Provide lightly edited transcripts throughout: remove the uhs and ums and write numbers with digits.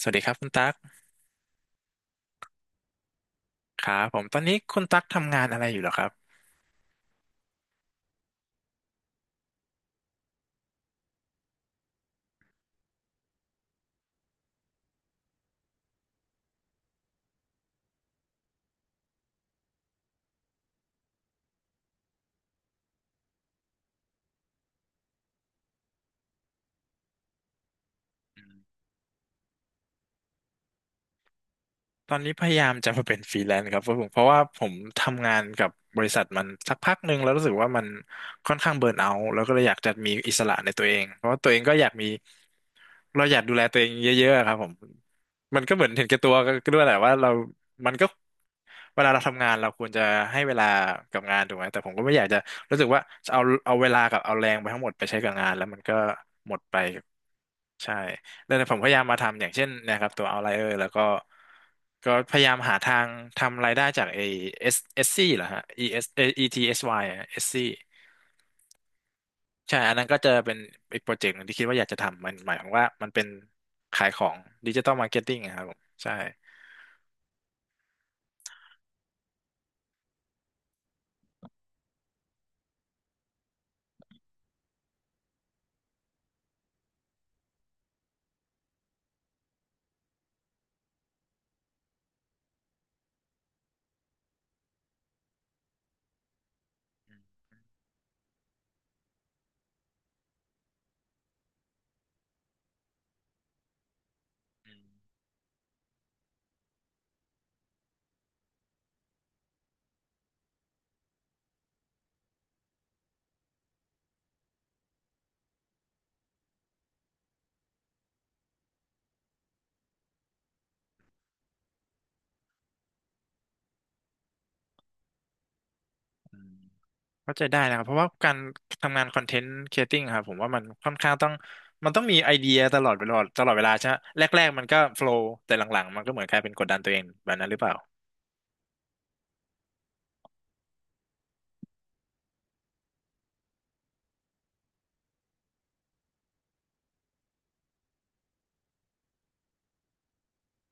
สวัสดีครับคุณตั๊กครับผมตอนนี้คุณตั๊กทำงานอะไรอยู่เหรอครับตอนนี้พยายามจะมาเป็นฟรีแลนซ์ครับเพราะว่าผมทำงานกับบริษัทมันสักพักหนึ่งแล้วรู้สึกว่ามันค่อนข้างเบิร์นเอาท์แล้วก็เลยอยากจะมีอิสระในตัวเองเพราะว่าตัวเองก็อยากมี เราอยากดูแลตัวเองเยอะๆครับผม มันก็เหมือนเห็นแก่ตัวก็ด้วยแหละว่าเรามันก็เวลาเราทำงานเราควรจะให้เวลากับงานถูกไหม แต่ผมก็ไม่อยากจะรู้สึกว่าจะเอาเวลากับเอาแรงไปทั้งหมดไปใช้กับงานแล้วมันก็หมดไปกับใช่แล้วเนี่ยผมพยายามมาทำอย่างเช่นเนะครับตัว Outlier แล้วก็ก็พยายามหาทางทำรายได้จากไอ้ S S C เอสซีเหรอฮะ E S เอสเอ E T S Y อสวายอะเอสซี ใช่ อันนั้นก็จะเป็นอีกโปรเจกต์หนึ่งที่คิดว่าอยากจะทำมันหมายความว่ามันเป็นขายของดิจิตอลมาร์เก็ตติ้งครับผมใช่อืมอืมเข้าใจได้นะครับเพราะว่าการทำงานคอนเทนต์ครีเอติ้งครับผมว่ามันค่อนข้างต้องต้องมีไอเดียตลอดเวลาใช่ไหมแรกๆมันก็โฟล w แต่หลังๆมันก็เหมือนกลายเป็นกดดันตัวเองแบบนั้นหรือเปล่า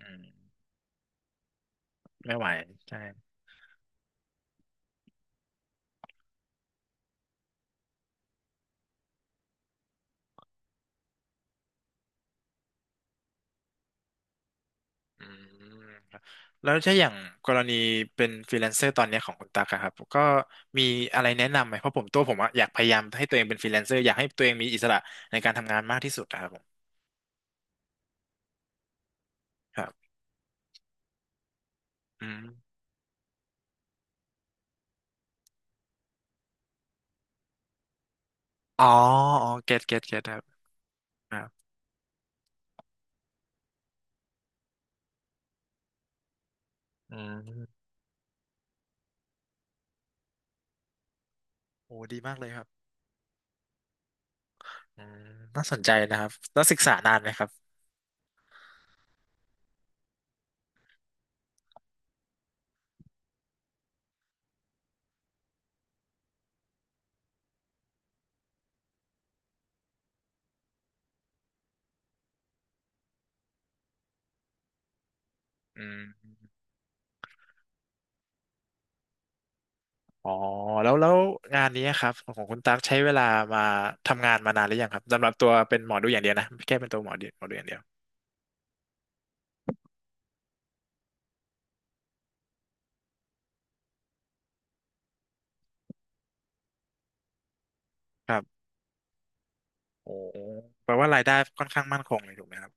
อืมไม่ไหวใช่ อืมครับแล้วถ้าอย่างกรณีเป็นฟรีแลนเซอร์ตอนเนี้ยของคุณตั๊กอะครับก็มีอะไรแนะนำไหมเพราะผมตัวผมอะอยากพยายามให้ตัวเองเป็นฟรีแลนเซอร์อยากให้ตัวเองมีอิสระในการทำงานมากที่สุดอะครับผมครับอืมอ๋ออ๋อเก็ตครับครับอืมโอ้ดีมากเลยครับอืมน่าสนใจนะครับแล้วศึกษานานไหมครับอืมอ๋อแล้วงานนี้ครับของคุณตั๊กใช้เวลามาทำงานมานานหรือยังครับสำหรับตัวเป็นหมอดูอย่างเดียวนะแค่เป็นตัวหมอดูอย่างเดียว โอ้แปลว่ารายได้ค่อนข้างมั่นคงเลยถูกไหมครับ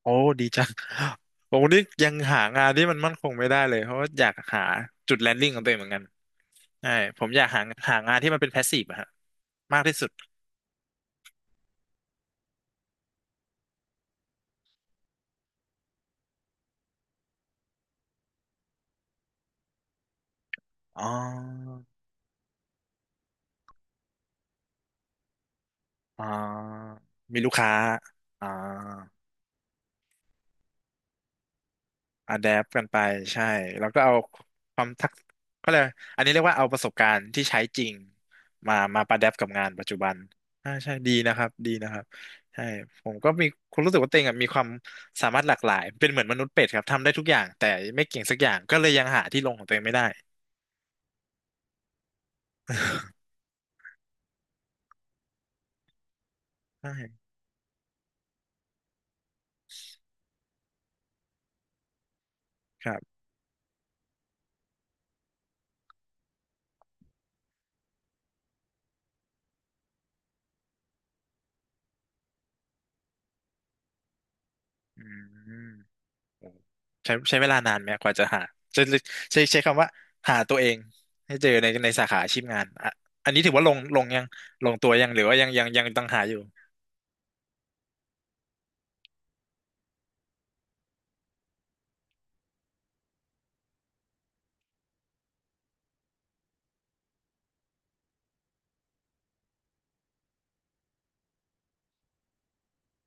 โอ้ดีจัง โอ้นี่ยังหางานที่มันมั่นคงไม่ได้เลยเพราะว่าอยากหาจุดแลนดิ้งของตัวเองเหมือนกันใช่ผมอยากหาหางานที่มันเป็นแพสซีฟอะฮะมากที่สุด อ๋อ อ๋อ มีลูกค้า อ๋อ อะแดปกันไปใช่แล้วก็เอาความทักก็เลยกอันนี้เรียกว่าเอาประสบการณ์ที่ใช้จริงมามาประแดปกับงานปัจจุบันอ่าใช่ดีนะครับใช่ผมก็มีคุณรู้สึกว่าตัวเองอะมีความสามารถหลากหลายเป็นเหมือนมนุษย์เป็ดครับทำได้ทุกอย่างแต่ไม่เก่งสักอย่างก็เลยยังหาที่ลงของตัวเองไม่ได้ ใช่ครับอืม ใช้เวลานานไหมกว่าจะหาจะใช้คำว่าหาตัวเองให้เจอในสาขาอาชีพงานอ่ะอันนี้ถือว่าลงยังลงตัวยังหรือว่ายังต้องหาอยู่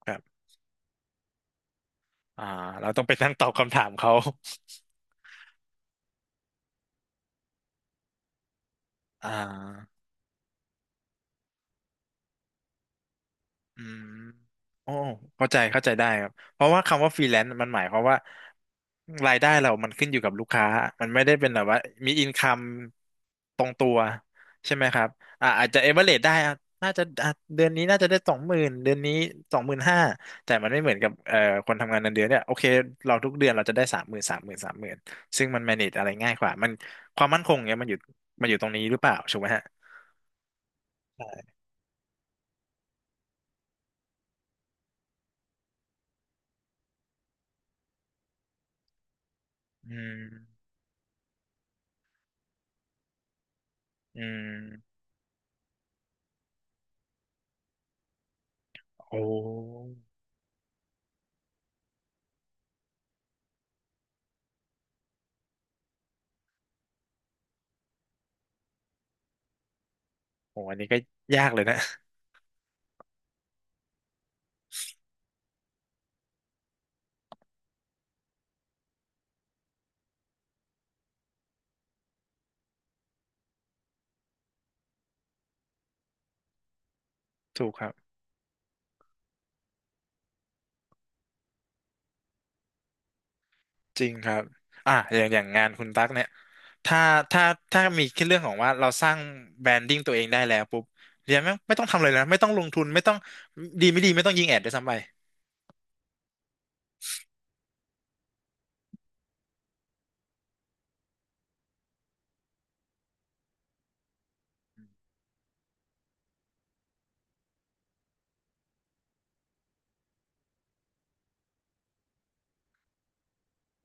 ครับอ่าเราต้องไปนั่งตอบคำถามเขา อ่า อืมโอ้เข้าใจได้ครับเพราะว่าคำว่าฟรีแลนซ์มันหมายความว่ารายได้เรามันขึ้นอยู่กับลูกค้ามันไม่ได้เป็นแบบว่ามีอินคัมตรงตัวใช่ไหมครับอ่าอาจจะเอเวอเรจได้อ่ะน่าจะอ่ะเดือนนี้น่าจะได้สองหมื่นเดือนนี้25,000แต่มันไม่เหมือนกับคนทำงานเงินเดือนเนี่ยโอเคเราทุกเดือนเราจะได้สามหมื่นสามหมื่นสามหมื่นซึ่งมัน manage อะไรง่ายกว่ามันความมั่นคงเนี่ยมันอยู่ตรงนี้หรือเปล่าถูกไหมฮะอืมอืมโอ้ โหอันนี้ก็ยากเลยนะ ถูกครับจริงครับอ่ะอย่างงานคุณตั๊กเนี่ยถ้าถ้าถ้ามีแค่เรื่องของว่าเราสร้างแบรนดิ้งตัวเองได้แล้วปุ๊บเรียนไม่งไม่ต้องทำอะไรเลยนะไม่ต้องลงทุนไม่ต้องดีไม่ดีไม่ต้องยิงแอดด้วยซ้ำไป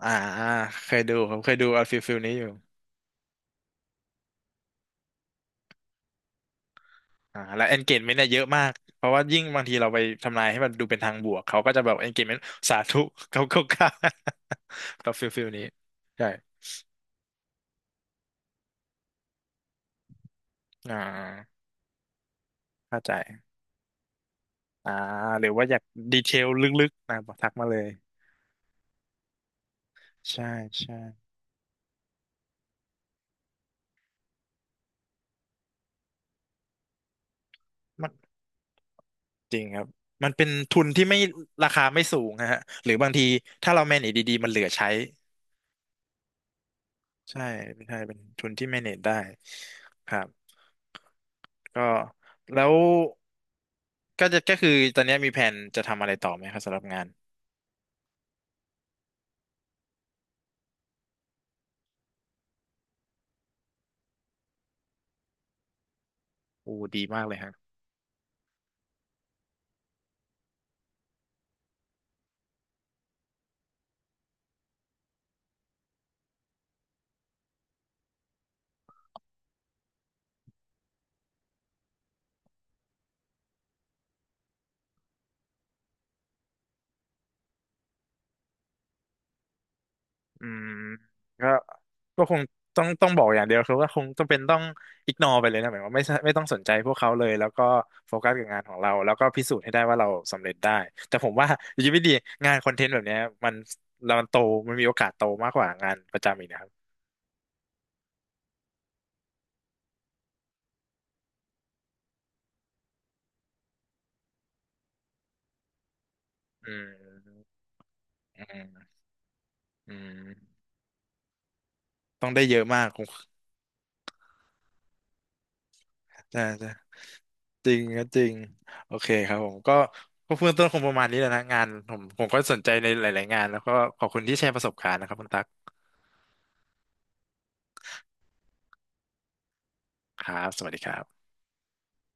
อ่าอ่าเคยดูครับเคยดูเอาฟิลฟิลนี้อยู่อ่าแล้ว engagement เนี่ยเยอะมากเพราะว่ายิ่งบางทีเราไปทำนายให้มันดูเป็นทางบวกเขาก็จะแบบ engagement สาธุ เขา เขาแบบฟิลฟิลนี้ใช่อ่าเข้าใจ อ่าหรือว่าอยากดีเทลลึกๆนะบอกทักมาเลยใช่ใช่มันจริงครับมันเป็นทุนที่ไม่ราคาไม่สูงนะฮะหรือบางทีถ้าเรา manage ดีๆมันเหลือใช้ใช่ไม่ใช่เป็นทุนที่ manage ได้ครับก็แล้วก็จะก็คือตอนนี้มีแผนจะทำอะไรต่อไหมครับสำหรับงานโอ้ดีมากเลยฮะ อืมก็ก็คงต้องบอกอย่างเดียวคือว่าคงจำเป็นต้องอิกนอไปเลยนะหมายว่าไม่ใช่ไม่ต้องสนใจพวกเขาเลยแล้วก็โฟกัสกับงานของเราแล้วก็พิสูจน์ให้ได้ว่าเราสำเร็จได้แต่ผมว่าอยู่ดีไม่ดีงานคอนเทนต์แบบเนี้ยมันเรามันโตมันมีโอกาสโตมากกว่างานประจำอีกนะครับอืมอืมอืมต้องได้เยอะมากคงใช่ใช่จริงก็จริงโอเคครับผมก็ก็เบื้องต้นคงประมาณนี้แหล้วนะงานผมผมก็สนใจในหลายๆงานแล้วก็ขอบคุณที่แชร์ประสบการณ์นะครับคุณตั๊ก ครับสวัสดีครับ